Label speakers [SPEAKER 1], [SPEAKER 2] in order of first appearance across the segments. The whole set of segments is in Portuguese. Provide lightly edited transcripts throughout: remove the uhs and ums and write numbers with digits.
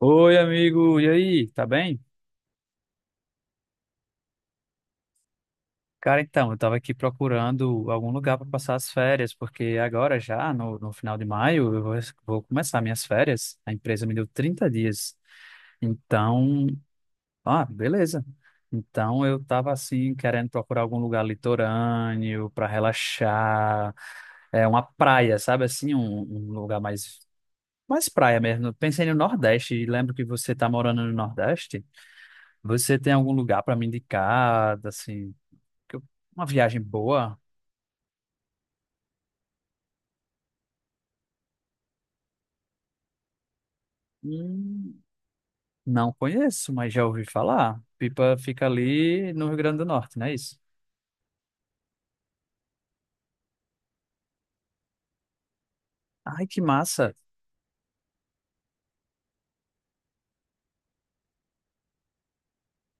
[SPEAKER 1] Oi, amigo, e aí, tá bem? Cara, então, eu tava aqui procurando algum lugar para passar as férias, porque agora já, no final de maio, vou começar minhas férias. A empresa me deu 30 dias. Então, ah, beleza. Então, eu tava assim, querendo procurar algum lugar litorâneo para relaxar, é uma praia, sabe assim, um lugar mais praia mesmo. Eu pensei no Nordeste, e lembro que você tá morando no Nordeste. Você tem algum lugar para me indicar, assim, que eu- uma viagem boa? Hum, não conheço, mas já ouvi falar. Pipa fica ali no Rio Grande do Norte, não é isso? Ai, que massa!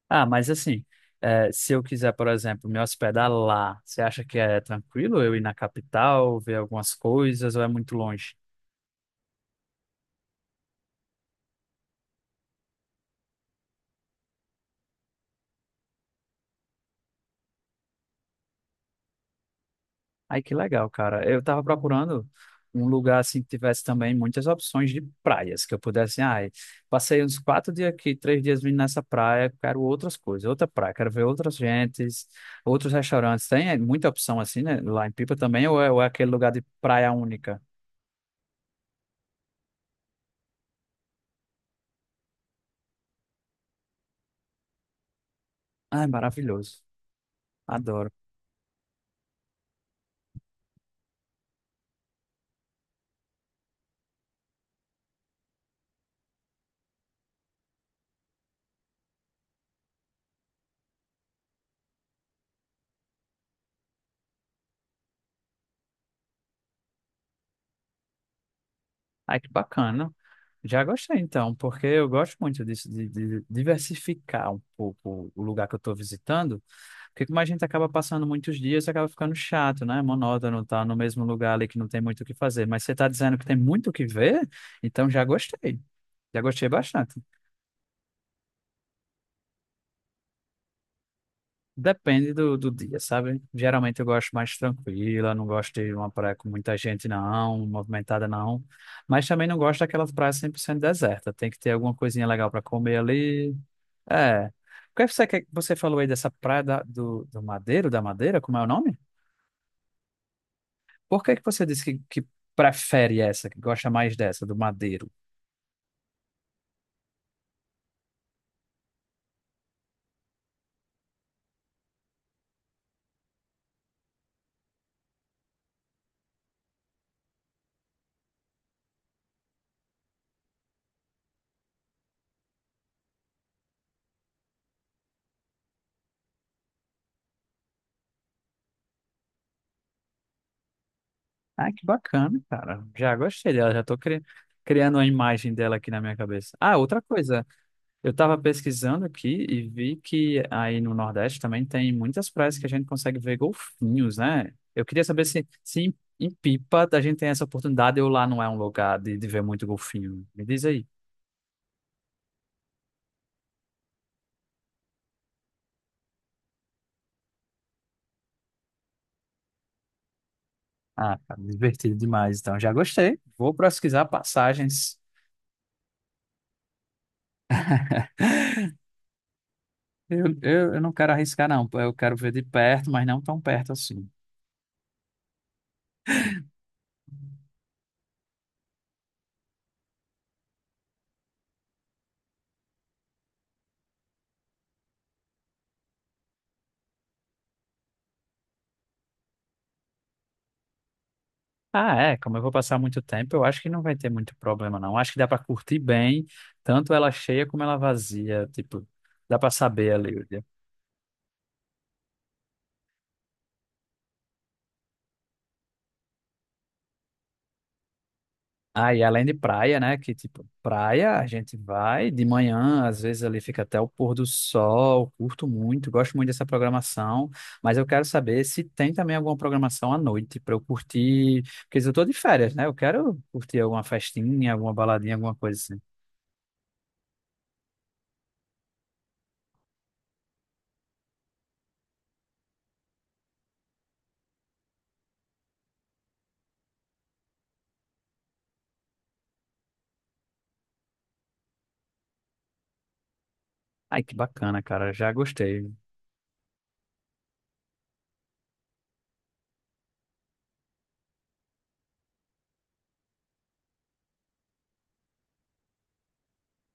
[SPEAKER 1] Ah, mas assim, se eu quiser, por exemplo, me hospedar lá, você acha que é tranquilo eu ir na capital, ver algumas coisas, ou é muito longe? Ai, que legal, cara. Eu tava procurando um lugar assim que tivesse também muitas opções de praias, que eu pudesse, ai, passei uns 4 dias aqui, 3 dias vindo nessa praia, quero outras coisas, outra praia, quero ver outras gentes, outros restaurantes. Tem é, muita opção assim, né? Lá em Pipa também, ou é aquele lugar de praia única? Ai, maravilhoso. Adoro. Ai, que bacana. Já gostei então, porque eu gosto muito disso, de diversificar um pouco o lugar que eu estou visitando. Porque como a gente acaba passando muitos dias, acaba ficando chato, né? Monótono, tá no mesmo lugar ali que não tem muito o que fazer. Mas você tá dizendo que tem muito o que ver, então já gostei. Já gostei bastante. Depende do dia, sabe? Geralmente eu gosto mais tranquila, não gosto de uma praia com muita gente, não, movimentada, não. Mas também não gosto daquelas praias 100% deserta. Tem que ter alguma coisinha legal para comer ali. É. O que você falou aí dessa praia do Madeiro, da Madeira, como é o nome? Por que que você disse que prefere essa, que gosta mais dessa, do Madeiro? Ah, que bacana, cara. Já gostei dela, já estou criando a imagem dela aqui na minha cabeça. Ah, outra coisa, eu estava pesquisando aqui e vi que aí no Nordeste também tem muitas praias que a gente consegue ver golfinhos, né? Eu queria saber se em Pipa a gente tem essa oportunidade ou lá não é um lugar de ver muito golfinho. Me diz aí. Ah, cara, divertido demais, então. Já gostei. Vou pesquisar passagens. Eu não quero arriscar, não. Eu quero ver de perto, mas não tão perto assim. Ah, é, como eu vou passar muito tempo, eu acho que não vai ter muito problema, não. Acho que dá para curtir bem, tanto ela cheia como ela vazia, tipo, dá para saber ali. Aí, além de praia, né? Que tipo, praia a gente vai de manhã, às vezes ali fica até o pôr do sol, curto muito, gosto muito dessa programação, mas eu quero saber se tem também alguma programação à noite para eu curtir, porque eu tô de férias, né? Eu quero curtir alguma festinha, alguma baladinha, alguma coisa assim. Ai, que bacana, cara, já gostei.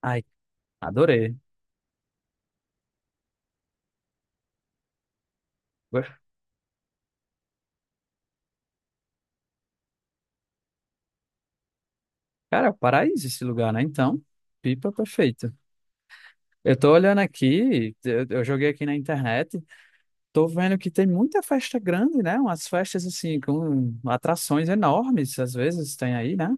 [SPEAKER 1] Ai, adorei. Go- Cara, é o paraíso esse lugar, né? Então, pipa perfeita. Eu tô olhando aqui, eu joguei aqui na internet. Tô vendo que tem muita festa grande, né? Umas festas assim, com atrações enormes, às vezes tem aí, né?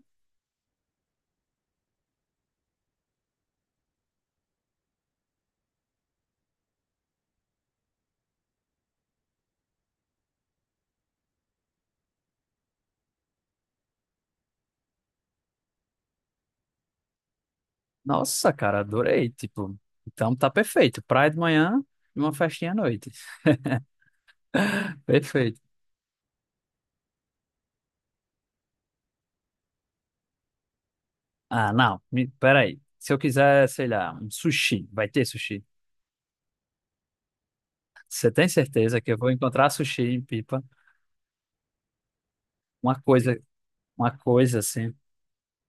[SPEAKER 1] Nossa, cara, adorei. Tipo, então tá perfeito. Praia de manhã e uma festinha à noite. Perfeito. Ah, não, me, peraí. Se eu quiser, sei lá, um sushi, vai ter sushi. Você tem certeza que eu vou encontrar sushi em Pipa? Uma coisa, uma coisa assim.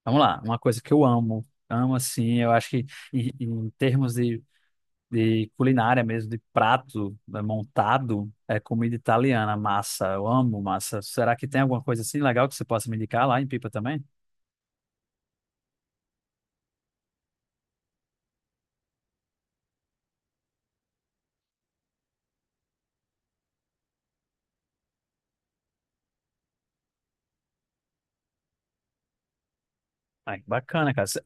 [SPEAKER 1] Vamos lá, uma coisa que eu amo. Amo assim, eu acho que em termos de culinária mesmo, de prato né, montado, é comida italiana, massa. Eu amo massa. Será que tem alguma coisa assim legal que você possa me indicar lá em Pipa também? Ah, que bacana, cara.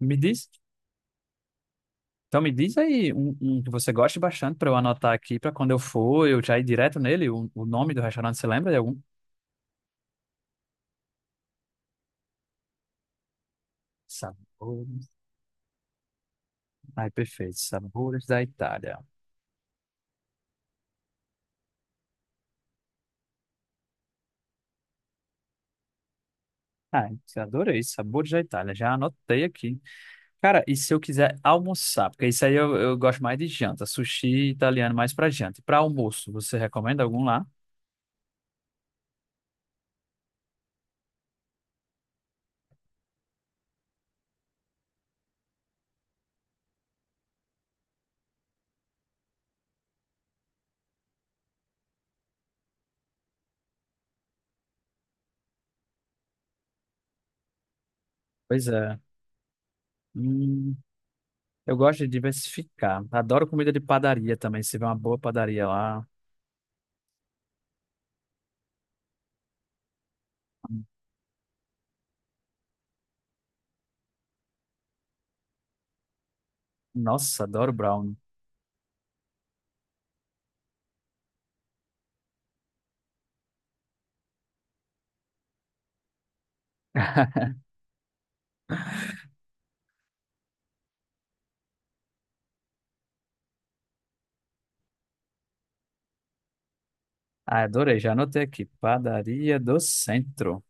[SPEAKER 1] Me diz, então me diz aí um que você goste bastante para eu anotar aqui para quando eu for, eu já ir direto nele. O nome do restaurante, você lembra de algum? Sabores. Ai, perfeito. Sabores da Itália. Ai, adorei. Sabores da Itália. Já anotei aqui. Cara, e se eu quiser almoçar? Porque isso aí eu gosto mais de janta. Sushi italiano mais pra janta. E pra almoço, você recomenda algum lá? Pois é. Hum, eu gosto de diversificar. Adoro comida de padaria também. Se tiver uma boa padaria lá. Nossa, adoro brownie. Ah, adorei. Já anotei aqui. Padaria do Centro.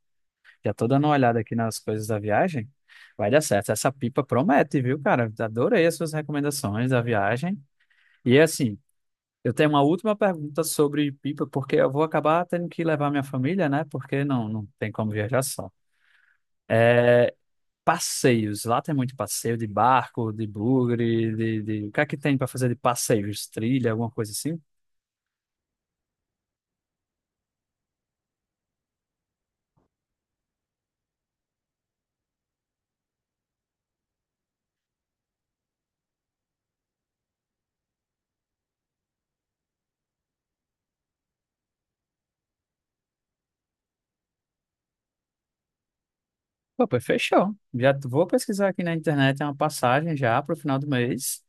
[SPEAKER 1] Já tô dando uma olhada aqui nas coisas da viagem. Vai dar certo. Essa pipa promete, viu, cara? Adorei as suas recomendações da viagem. E assim. Eu tenho uma última pergunta sobre pipa, porque eu vou acabar tendo que levar minha família, né? Porque não, não tem como viajar só. É, passeios. Lá tem muito passeio de barco, de bugre, o que é que tem para fazer de passeios? Trilha, alguma coisa assim? Pô, pois fechou. Já vou pesquisar aqui na internet, é uma passagem já para o final do mês.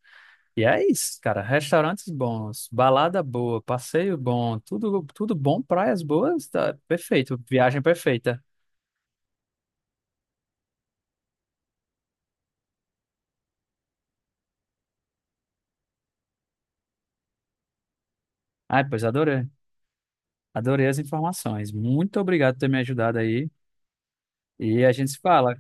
[SPEAKER 1] E é isso, cara. Restaurantes bons, balada boa, passeio bom, tudo, tudo bom, praias boas, tá perfeito. Viagem perfeita. Ai, pois adorei. Adorei as informações. Muito obrigado por ter me ajudado aí. E a gente se fala.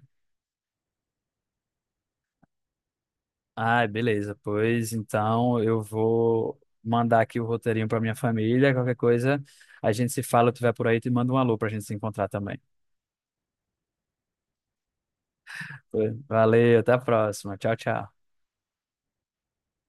[SPEAKER 1] Ah, beleza. Pois então eu vou mandar aqui o roteirinho para minha família. Qualquer coisa, a gente se fala. Eu estiver por aí, te manda um alô para a gente se encontrar também. Pois, Valeu, até a próxima. Tchau, tchau.